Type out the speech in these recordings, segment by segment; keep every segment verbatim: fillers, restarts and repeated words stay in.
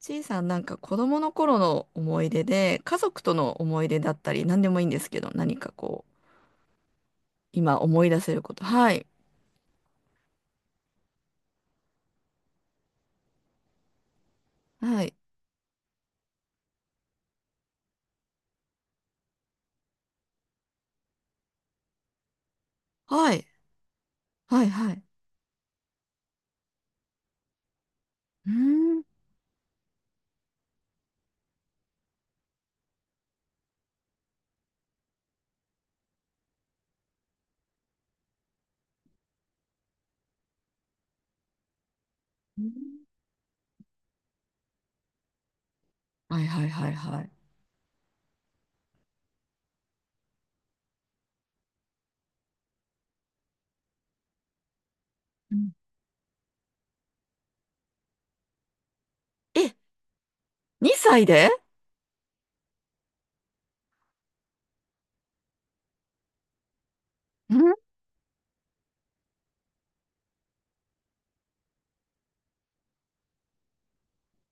ちいさん、なんか子供の頃の思い出で、家族との思い出だったり、何でもいいんですけど、何かこう、今思い出せること。はい。はい。はい。はい。はい。うーん。はい。はい。はい。はい。うん。え、にさいで？うん。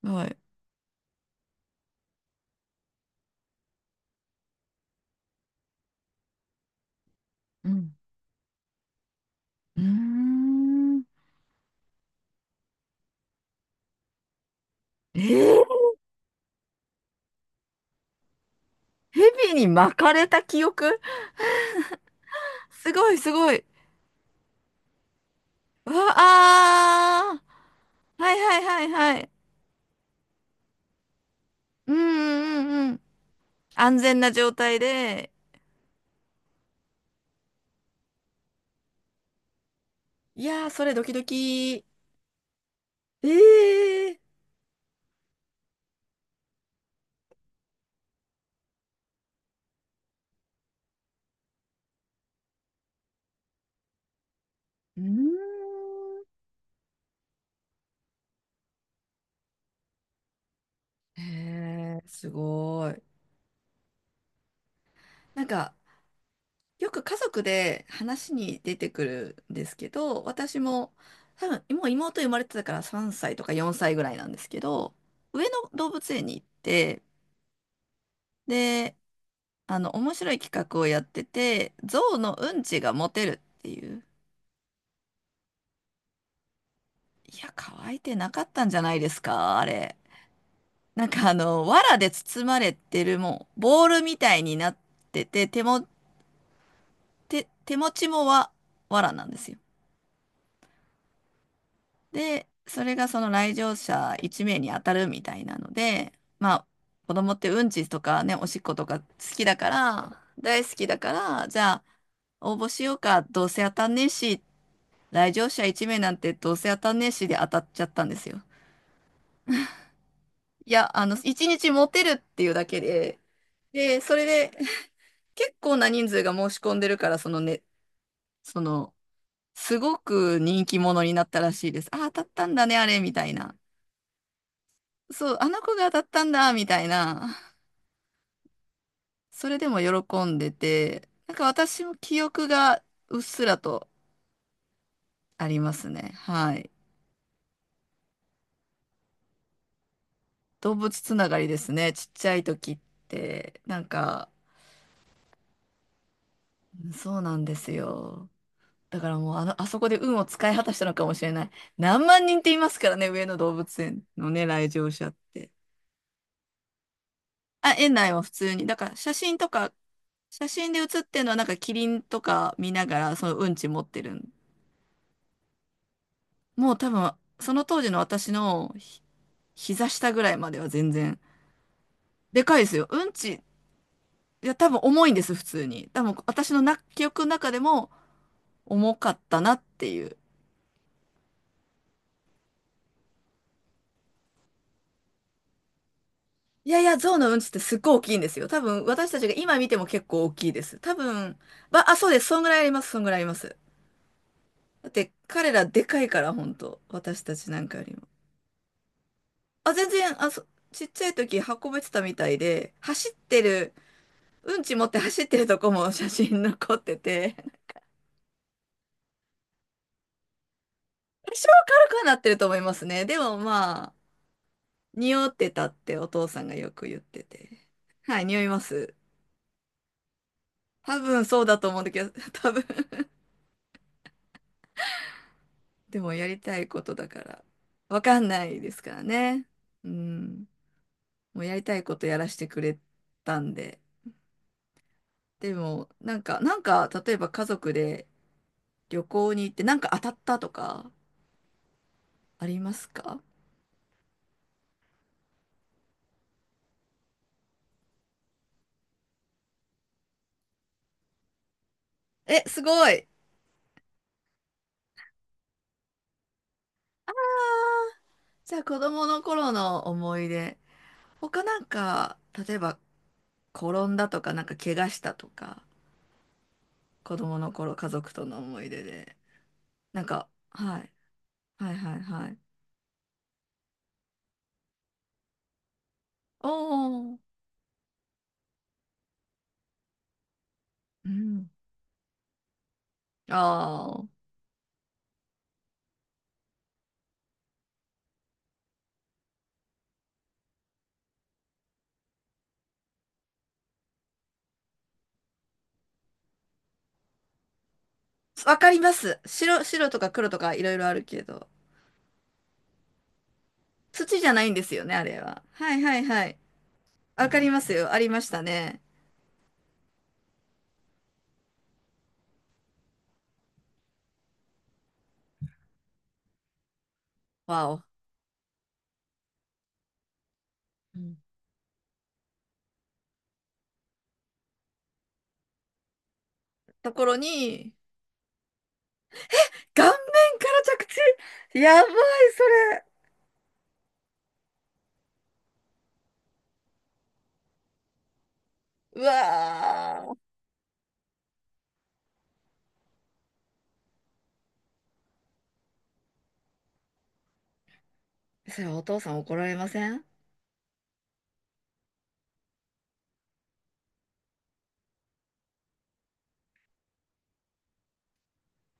はい。うん。うーん。えー、蛇に巻かれた記憶？ すごい、すごい。うわ、あー。はい。はい。はい。はい。うん。うん。うんうん。安全な状態で、いやー、それドキドキ。えー、うーん。えー、すごい。なんか、よく家族で話に出てくるんですけど、私も、多分、もう妹生まれてたからさんさいとかよんさいぐらいなんですけど、上野動物園に行って、で、あの、面白い企画をやってて、象のうんちがモテるっていう。いや、乾いてなかったんじゃないですか、あれ。なんかあの、藁で包まれてる、もう、ボールみたいになってて、手も、手、手持ちもわ、藁なんですよ。で、それがその来場者いち名に当たるみたいなので、まあ、子供ってうんちとかね、おしっことか好きだから、大好きだから、じゃあ、応募しようか、どうせ当たんねえし、来場者いち名なんてどうせ当たんねえしで当たっちゃったんですよ。いや、あの、いちにちモテるっていうだけで、で、それで、結構な人数が申し込んでるから、そのね、その、すごく人気者になったらしいです。あ、当たったんだね、あれ、みたいな。そう、あの子が当たったんだ、みたいな。それでも喜んでて、なんか私も記憶がうっすらとありますね。はい。動物つながりですね。ちっちゃい時って、なんか、そうなんですよ。だからもうあの、あそこで運を使い果たしたのかもしれない。何万人っていますからね、上野動物園のね、来場者って。あ、園内は普通に。だから写真とか、写真で写ってるのはなんかキリンとか見ながらそのうんち持ってるん。もう多分、その当時の私のひ膝下ぐらいまでは全然。でかいですよ。うんち、いや多分重いんです、普通に。多分私のな記憶の中でも重かったなっていう。いやいや、象のうんちってすっごい大きいんですよ。多分私たちが今見ても結構大きいです。多分、ば、あ、そうです。そんぐらいあります。そんぐらいあります。だって彼らでかいから、本当私たちなんかよりも。あ、全然、あ、そ、ちっちゃい時運べてたみたいで、走ってる、うんち持って走ってるとこも写真残ってて、多少軽くはなってると思いますね。でもまあ、匂ってたってお父さんがよく言ってて。はい、匂います。多分そうだと思うんだけど、多分でもやりたいことだから、わかんないですからね。うん。もうやりたいことやらせてくれたんで。でも、なんか、なんか、例えば家族で旅行に行って、なんか当たったとか、ありますか？え、すごい。じゃあ子供の頃の思い出。他なんか、例えば転んだとか、なんか怪我したとか、子供の頃家族との思い出で。なんか、はい。はいはいはい。おー。うん。ああ。わかります。白、白とか黒とかいろいろあるけど。土じゃないんですよね、あれは。はいはいはい。わかりますよ。ありましたね。わお。うん。ところに、顔面から着地やばい、それ。うわー。それお父さん怒られません？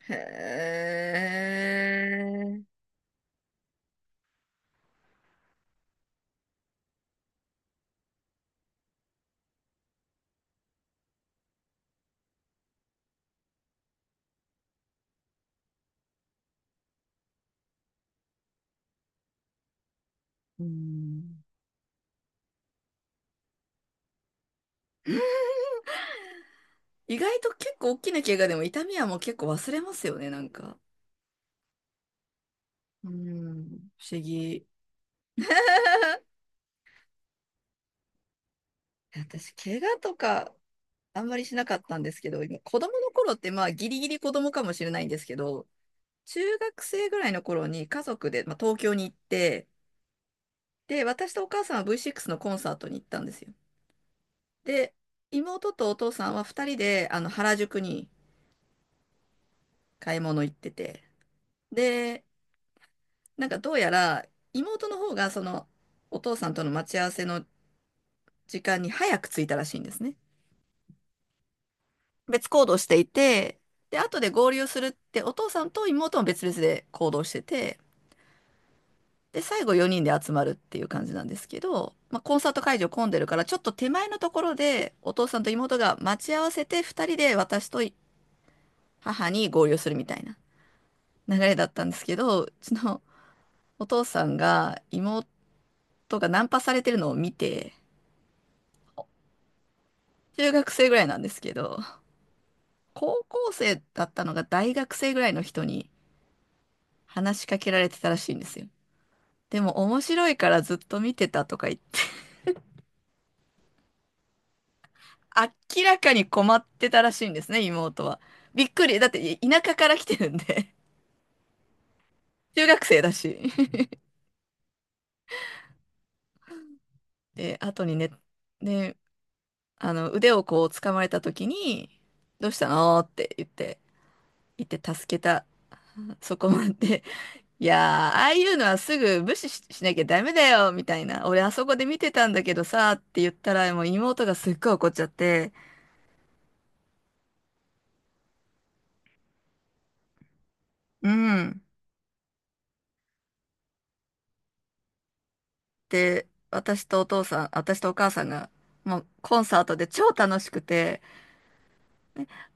へえ。うん。意外と結構大きな怪我でも痛みはもう結構忘れますよね、なんか。うん、不思議。私、怪我とかあんまりしなかったんですけど、今子供の頃ってまあギリギリ子供かもしれないんですけど、中学生ぐらいの頃に家族で、まあ、東京に行って、で、私とお母さんは ブイシックス のコンサートに行ったんですよ。で、妹とお父さんはふたりであの原宿に買い物行ってて、で、なんかどうやら妹の方がそのお父さんとの待ち合わせの時間に早く着いたらしいんですね。別行動していて、で、後で合流するってお父さんと妹も別々で行動してて、で、最後よにんで集まるっていう感じなんですけど、まあ、コンサート会場混んでるから、ちょっと手前のところで、お父さんと妹が待ち合わせて、ふたりで私と母に合流するみたいな流れだったんですけど、うちのお父さんが妹がナンパされてるのを見て、中学生ぐらいなんですけど、高校生だったのが大学生ぐらいの人に話しかけられてたらしいんですよ。でも面白いからずっと見てたとか言って、明らかに困ってたらしいんですね、妹は。びっくり。だって田舎から来てるんで、中学生だし。で、後にね、で、あの、腕をこう掴まれた時に、どうしたのって言って、行って助けた、そこまで。いやー、ああいうのはすぐ無視し、しなきゃダメだよ、みたいな。俺あそこで見てたんだけどさ、って言ったら、もう妹がすっごい怒っちゃって、うん。で、私とお父さん、私とお母さんが、もうコンサートで超楽しくて、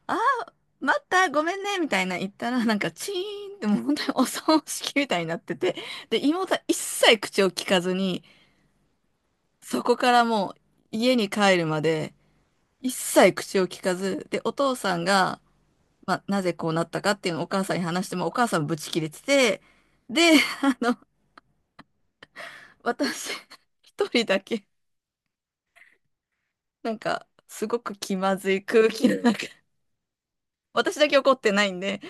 あー、待った、ごめんね、みたいな言ったら、なんかチーンってもう本当にお葬式みたいになってて、で、妹は一切口を聞かずに、そこからもう家に帰るまで、一切口を聞かず、で、お父さんが、まあ、なぜこうなったかっていうのをお母さんに話しても、お母さんブチ切れてて、で、あの、私、一人だけ、なんか、すごく気まずい空気の中、私だけ怒ってないんで、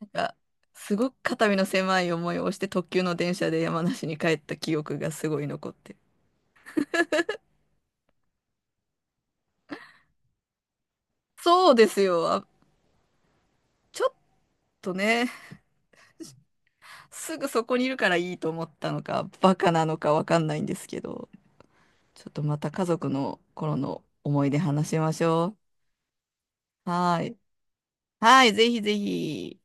なんか、すごく肩身の狭い思いをして特急の電車で山梨に帰った記憶がすごい残ってる。そうですよ。あ、ちょっとね、すぐそこにいるからいいと思ったのか、バカなのかわかんないんですけど。ちょっとまた家族の頃の思い出話しましょう。はーい。はーい、ぜひぜひ。